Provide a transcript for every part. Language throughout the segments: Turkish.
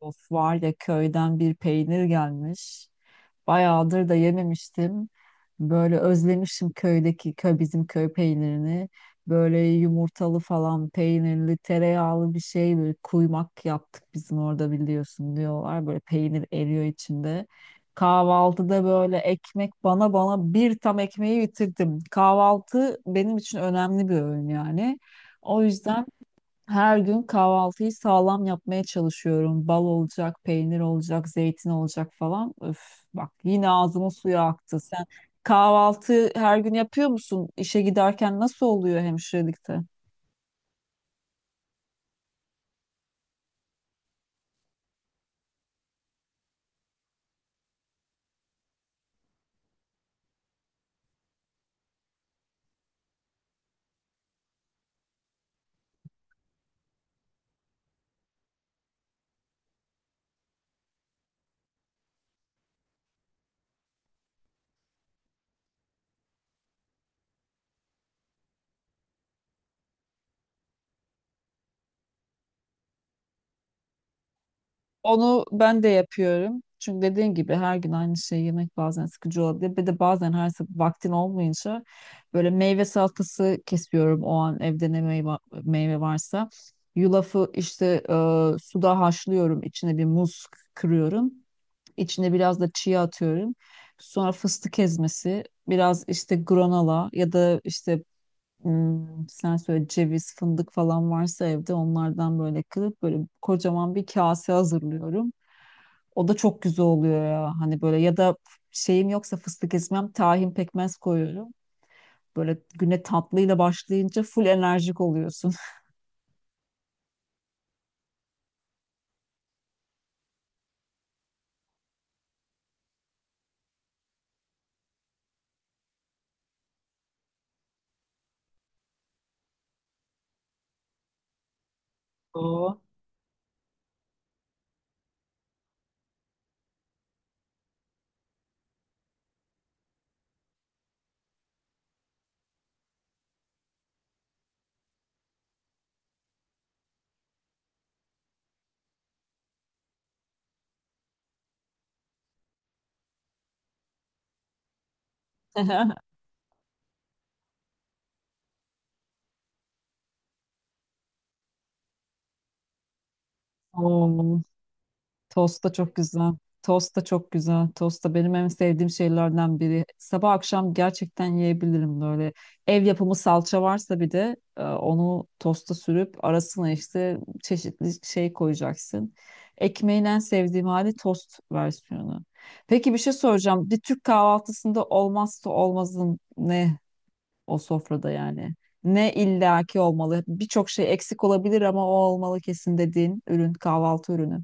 Of var ya köyden bir peynir gelmiş. Bayağıdır da yememiştim. Böyle özlemişim köydeki köy bizim köy peynirini. Böyle yumurtalı falan peynirli tereyağlı bir şey böyle kuymak yaptık bizim orada biliyorsun diyorlar. Böyle peynir eriyor içinde. Kahvaltıda böyle ekmek bana bir tam ekmeği bitirdim. Kahvaltı benim için önemli bir öğün yani. O yüzden her gün kahvaltıyı sağlam yapmaya çalışıyorum. Bal olacak, peynir olacak, zeytin olacak falan. Öf, bak yine ağzımın suyu aktı. Sen kahvaltı her gün yapıyor musun? İşe giderken nasıl oluyor hemşirelikte? Onu ben de yapıyorum. Çünkü dediğin gibi her gün aynı şeyi yemek bazen sıkıcı olabilir. Bir de bazen her sabah vaktin olmayınca böyle meyve salatası kesiyorum o an evde ne meyve, meyve varsa. Yulafı işte suda haşlıyorum. İçine bir muz kırıyorum. İçine biraz da chia atıyorum. Sonra fıstık ezmesi, biraz işte granola ya da işte sen söyle ceviz, fındık falan varsa evde onlardan böyle kırıp böyle kocaman bir kase hazırlıyorum. O da çok güzel oluyor ya. Hani böyle ya da şeyim yoksa fıstık ezmem, tahin pekmez koyuyorum. Böyle güne tatlıyla başlayınca full enerjik oluyorsun. Oo. Oo. Tost da çok güzel. Tost da çok güzel. Tost da benim en sevdiğim şeylerden biri. Sabah akşam gerçekten yiyebilirim böyle. Ev yapımı salça varsa bir de onu tosta sürüp arasına işte çeşitli şey koyacaksın. Ekmeğin en sevdiğim hali tost versiyonu. Peki bir şey soracağım. Bir Türk kahvaltısında olmazsa olmazın ne o sofrada yani? Ne illaki olmalı? Birçok şey eksik olabilir ama o olmalı kesin dediğin ürün, kahvaltı ürünü.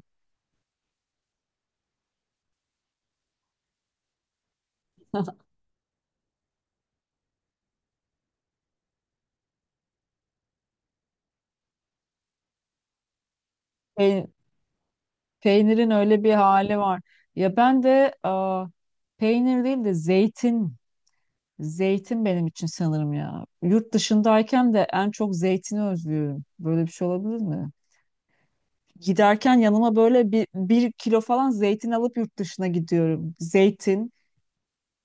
Pey- Peynirin öyle bir hali var. Ya ben de peynir değil de zeytin. Zeytin benim için sanırım ya. Yurt dışındayken de en çok zeytini özlüyorum. Böyle bir şey olabilir mi? Giderken yanıma böyle bir kilo falan zeytin alıp yurt dışına gidiyorum. Zeytin,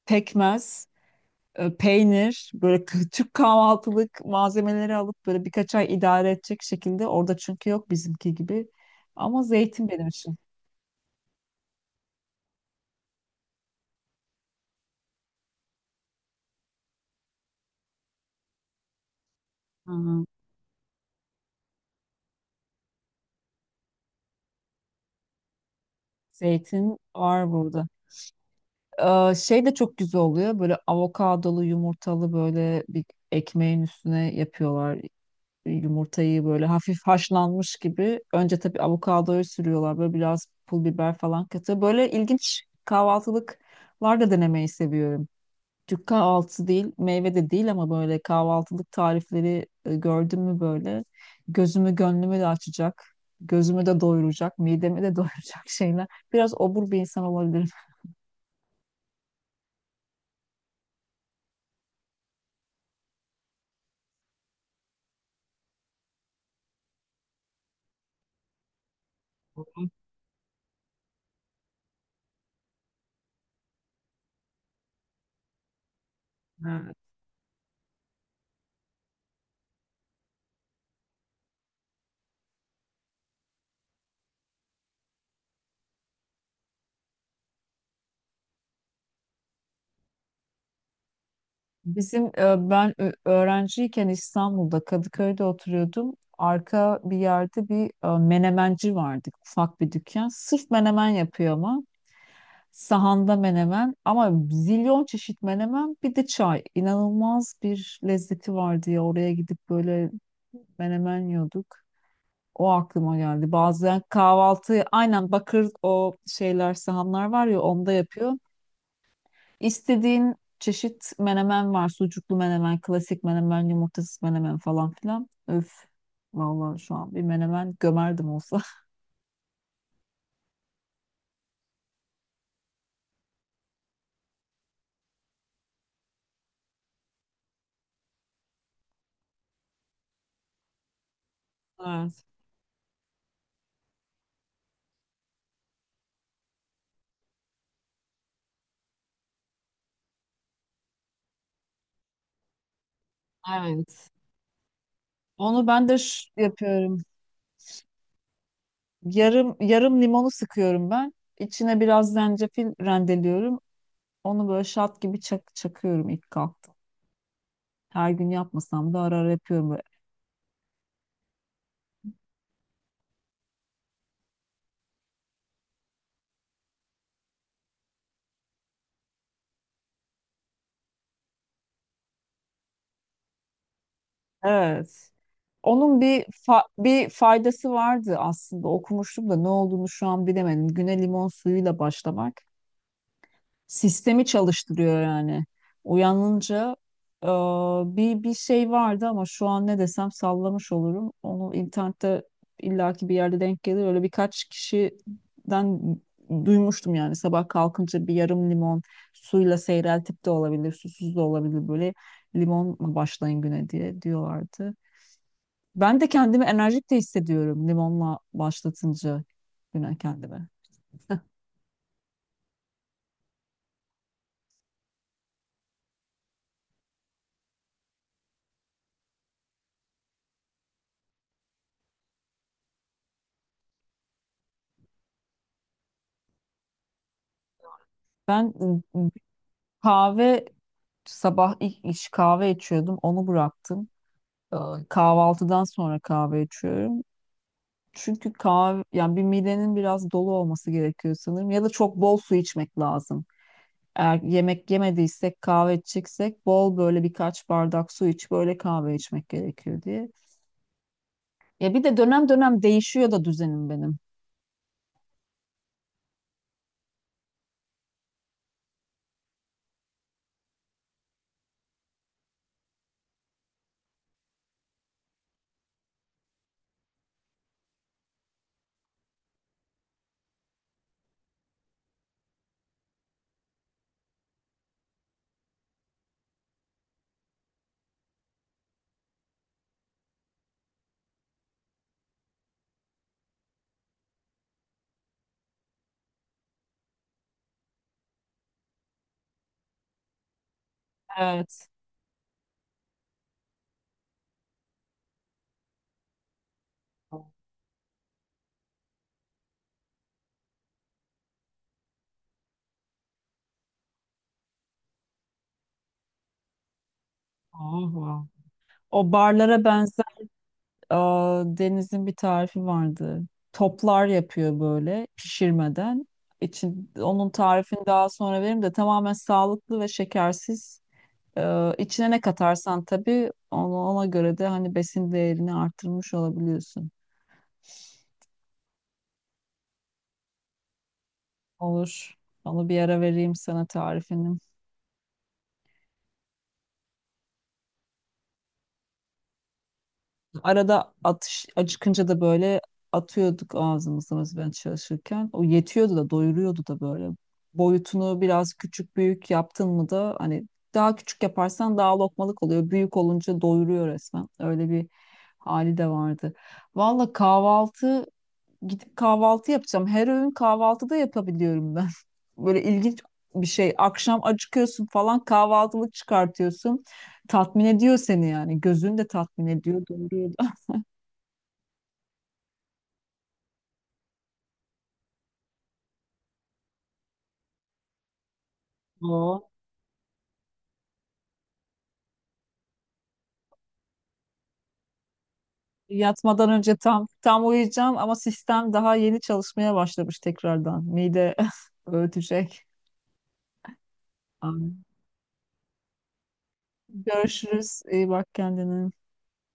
pekmez, peynir, böyle Türk kahvaltılık malzemeleri alıp böyle birkaç ay idare edecek şekilde. Orada çünkü yok bizimki gibi. Ama zeytin benim için. Hı hı. Zeytin var burada. Şey de çok güzel oluyor. Böyle avokadolu yumurtalı böyle bir ekmeğin üstüne yapıyorlar. Yumurtayı böyle hafif haşlanmış gibi. Önce tabii avokadoyu sürüyorlar. Böyle biraz pul biber falan katıyor. Böyle ilginç kahvaltılıklar da denemeyi seviyorum. Türk kahvaltısı değil, meyve de değil ama böyle kahvaltılık tarifleri gördüm mü böyle gözümü gönlümü de açacak, gözümü de doyuracak, midemi de doyuracak şeyler. Biraz obur bir insan olabilirim. Bizim ben öğrenciyken İstanbul'da Kadıköy'de oturuyordum. Arka bir yerde bir menemenci vardı. Ufak bir dükkan. Sırf menemen yapıyor ama. Sahanda menemen ama zilyon çeşit menemen bir de çay. İnanılmaz bir lezzeti vardı ya. Oraya gidip böyle menemen yiyorduk. O aklıma geldi. Bazen kahvaltı aynen bakır o şeyler sahanlar var ya onda yapıyor. İstediğin çeşit menemen var. Sucuklu menemen, klasik menemen, yumurtasız menemen falan filan. Öf. Vallahi şu an bir menemen gömerdim olsa. Evet. Evet. Onu ben de yapıyorum. Yarım yarım limonu sıkıyorum ben. İçine biraz zencefil rendeliyorum. Onu böyle şat gibi çakıyorum ilk kalktım. Her gün yapmasam da ara ara yapıyorum. Böyle evet. Onun bir bir faydası vardı aslında okumuştum da ne olduğunu şu an bilemedim. Güne limon suyuyla başlamak sistemi çalıştırıyor yani. Uyanınca e, bir şey vardı ama şu an ne desem sallamış olurum. Onu internette illaki bir yerde denk gelir. Öyle birkaç kişiden duymuştum yani sabah kalkınca bir yarım limon suyla seyreltip de olabilir, susuz da olabilir böyle limonla başlayın güne diye diyorlardı. Ben de kendimi enerjik de hissediyorum limonla başlatınca güne kendime. Ben kahve sabah ilk iş kahve içiyordum. Onu bıraktım. Ee, Kahvaltıdan sonra kahve içiyorum. Çünkü kahve yani bir midenin biraz dolu olması gerekiyor sanırım ya da çok bol su içmek lazım. Eğer yemek yemediysek kahve içeceksek bol böyle birkaç bardak su iç böyle kahve içmek gerekiyor diye. Ya bir de dönem dönem değişiyor da düzenim benim. Evet. Oh, o barlara benzer Deniz'in bir tarifi vardı. Toplar yapıyor böyle pişirmeden. İçin, onun tarifini daha sonra veririm de tamamen sağlıklı ve şekersiz. İçine ne katarsan tabii ona, ona göre de hani besin değerini arttırmış olabiliyorsun. Olur. Onu bir ara vereyim sana tarifini. Arada atış acıkınca da böyle atıyorduk ağzımıza mesela ben çalışırken. O yetiyordu da doyuruyordu da böyle. Boyutunu biraz küçük büyük yaptın mı da hani daha küçük yaparsan daha lokmalık oluyor. Büyük olunca doyuruyor resmen. Öyle bir hali de vardı. Valla kahvaltı gidip kahvaltı yapacağım. Her öğün kahvaltıda yapabiliyorum ben. Böyle ilginç bir şey. Akşam acıkıyorsun falan kahvaltılık çıkartıyorsun. Tatmin ediyor seni yani. Gözün de tatmin ediyor, doyuruyor. Oo. Yatmadan önce tam uyuyacağım ama sistem daha yeni çalışmaya başlamış tekrardan. Mide öğütecek. Ay. Görüşürüz. İyi bak kendine.